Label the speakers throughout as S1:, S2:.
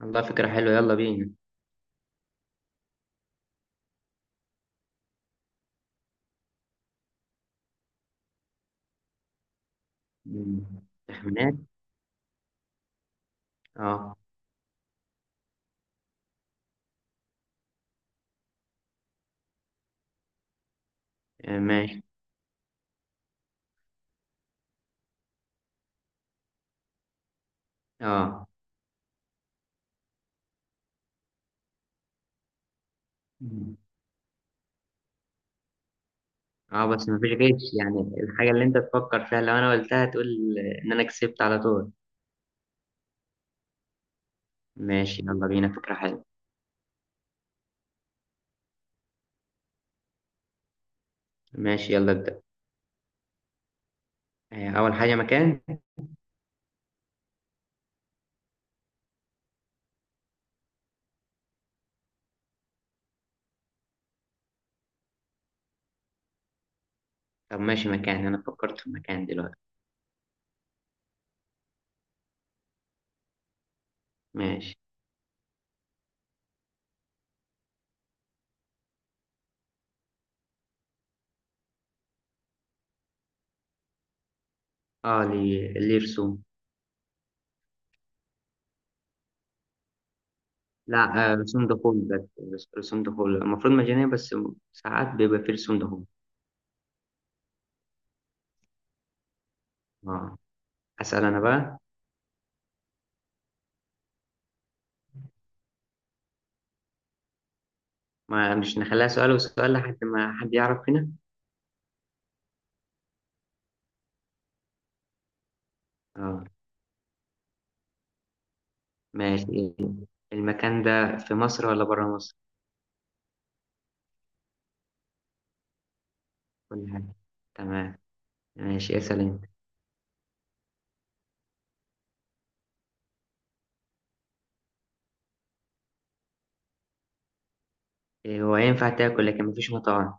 S1: والله فكرة حلوة، يلا بينا. مم. تخمينات. اه. آه، ماشي. اه. مم. اه، بس مفيش غش، يعني الحاجة اللي انت تفكر فيها لو انا قلتها تقول ان انا كسبت على طول. ماشي يلا بينا، فكرة حلوة. ماشي يلا ابدأ. اول حاجة مكان. طب ماشي، مكان، انا فكرت في مكان دلوقتي. ماشي. اه، ليه رسوم. لا، رسوم دخول، بس رسوم دخول المفروض مجانية، بس ساعات بيبقى فيه رسوم دخول. اه. اسأل انا بقى. ما مش نخليها سؤال وسؤال لحد ما حد يعرف هنا. اه ماشي. المكان ده في مصر ولا بره مصر؟ كل حاجة. تمام. ماشي اسأل انت. إيه، هو ينفع تاكل لكن مفيش مطاعم.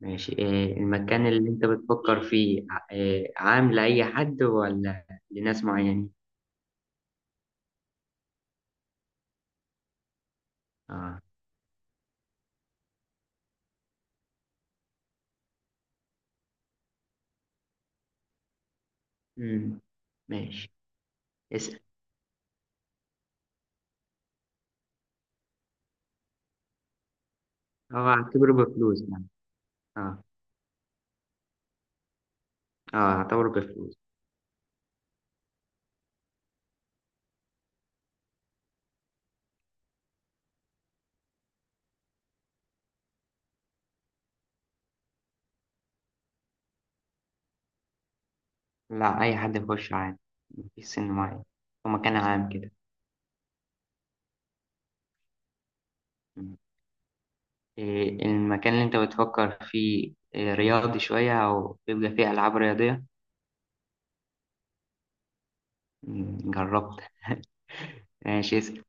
S1: ماشي، إيه المكان اللي انت بتفكر فيه، إيه، عام لأي حد ولا لناس معينين؟ اه. امم ماشي اسأل. هو اعتبره بفلوس يعني. اه، اه، اعتبره بفلوس. لا، اي حد يخش عادي، مفيش سن معين، هو مكان عام كده. إيه، المكان اللي انت بتفكر فيه إيه، رياضي شوية او بيبقى فيه العاب رياضية؟ مم، جربت. ماشي اسأل.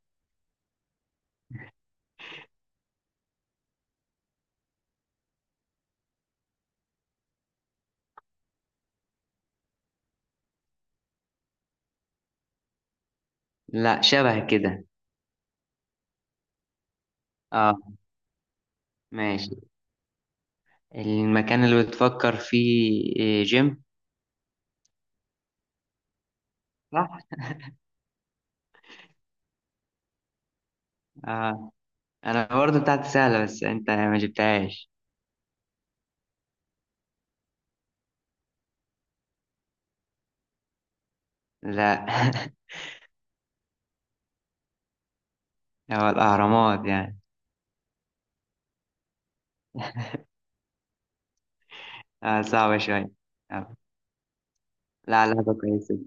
S1: لا شبه كده. اه. ماشي، المكان اللي بتفكر فيه إيه، جيم؟ صح. آه. انا برضو بتاعتي سهلة بس انت ما جبتهاش. لا. هو الاهرامات يعني. صعبة شوية. آه. لا، لعبة كويسة.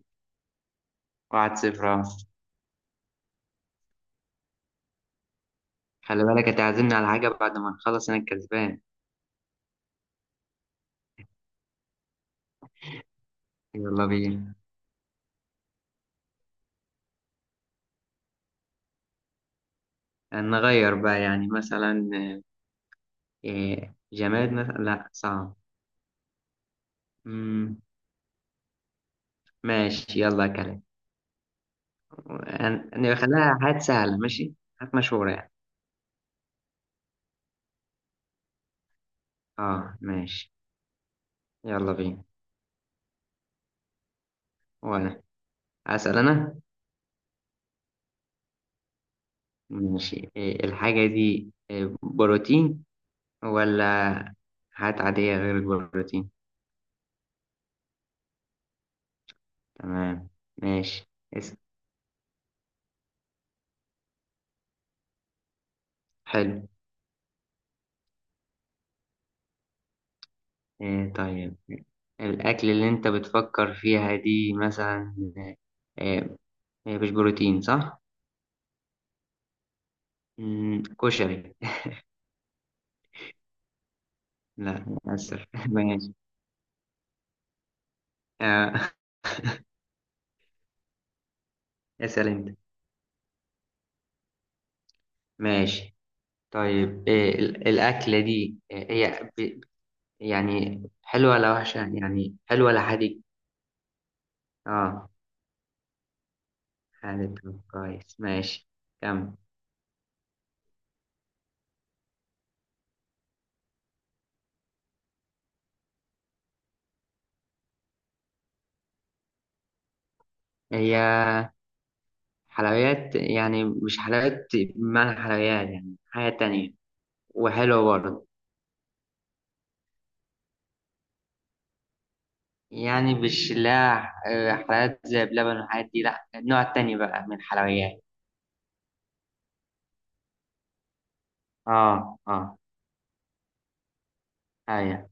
S1: واحد صفر، آه. خلي بالك هتعزمني على حاجة بعد ما نخلص انا الكسبان. يلا بينا. نغير بقى يعني، مثلا إيه، جماد مثلا؟ لا صعب. مم، ماشي يلا يا كريم. نخليها حاجات سهلة، ماشي، حاجات مشهورة يعني. اه. ماشي يلا بينا. وانا اسأل انا. ماشي، إيه الحاجة دي، إيه، بروتين ولا حاجات عادية غير البروتين؟ تمام. ماشي اسأل. حلو. إيه، طيب الأكل اللي أنت بتفكر فيها دي مثلا إيه، مش بروتين صح؟ مم، كشري. لا للأسف. ماشي. آه، اسأل أنت. ماشي طيب، الأكلة دي، هي يعني حلوة ولا وحشة، يعني حلوة ولا حادق؟ اه، حادق كويس ماشي. كم. هي حلويات، يعني مش حلويات بمعنى حلويات، يعني حاجة تانية وحلوة برضه. يعني مش لا، حلويات زي بلبن والحاجات دي، لا النوع التاني بقى من الحلويات. اه اه، ايوه.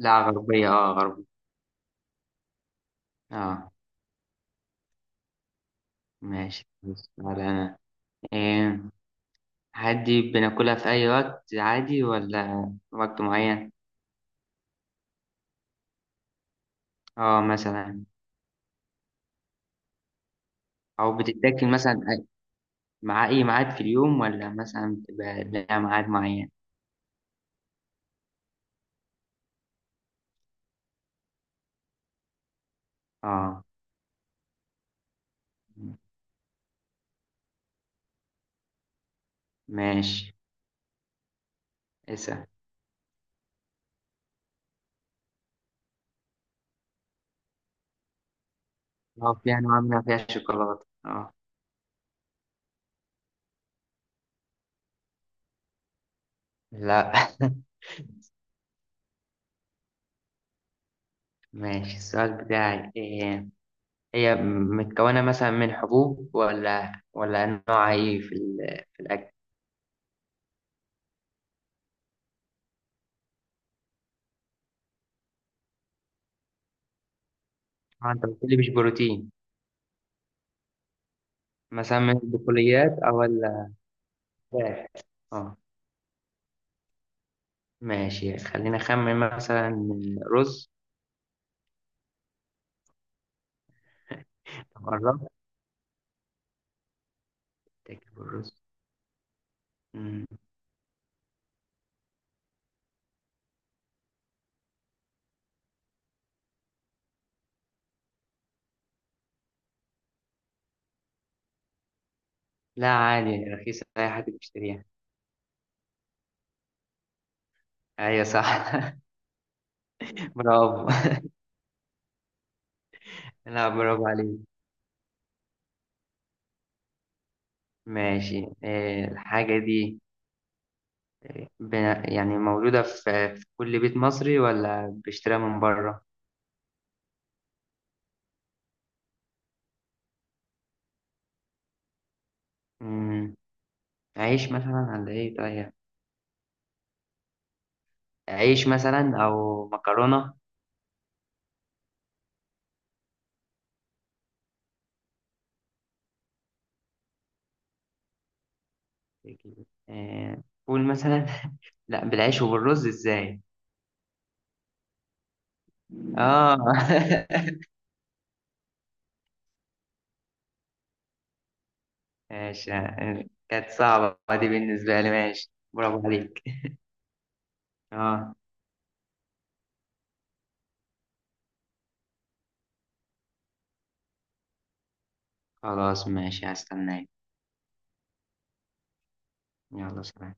S1: لا غربية، اه غربية. اه. ماشي، بس على انا إيه، عادي بناكلها في اي وقت عادي ولا وقت معين؟ اه، مثلا او بتتاكل مثلا مع اي ميعاد في اليوم ولا مثلا بتبقى لها ميعاد معين؟ اه. ماشي اسأل. اه، في انواع منها فيها شوكولاتة، اه. لا. ماشي، السؤال بتاعي إيه. هي متكونة مثلا من حبوب ولا نوع ايه في في الأكل؟ اه انت قلت لي مش بروتين. مثلا من البقوليات او ال فات. اه. ماشي خلينا نخمن، مثلا رز. طب قربت، تاكل الرز. مم. لا عادي رخيصة، أي حد بيشتريها. أيوة صح. برافو. لا، برافو عليك. ماشي، إيه الحاجة دي، ب- يعني موجودة في كل بيت مصري ولا بيشتريها من بره؟ مم. عيش مثلا ولا إيه طيب؟ عيش مثلا أو مكرونة. قول مثلا. لا، بالعيش وبالرز ازاي؟ اه. ماشي، كانت صعبة دي بالنسبة لي، ماشي برافو عليك. اه. خلاص ماشي، هستناك. يلا سلام.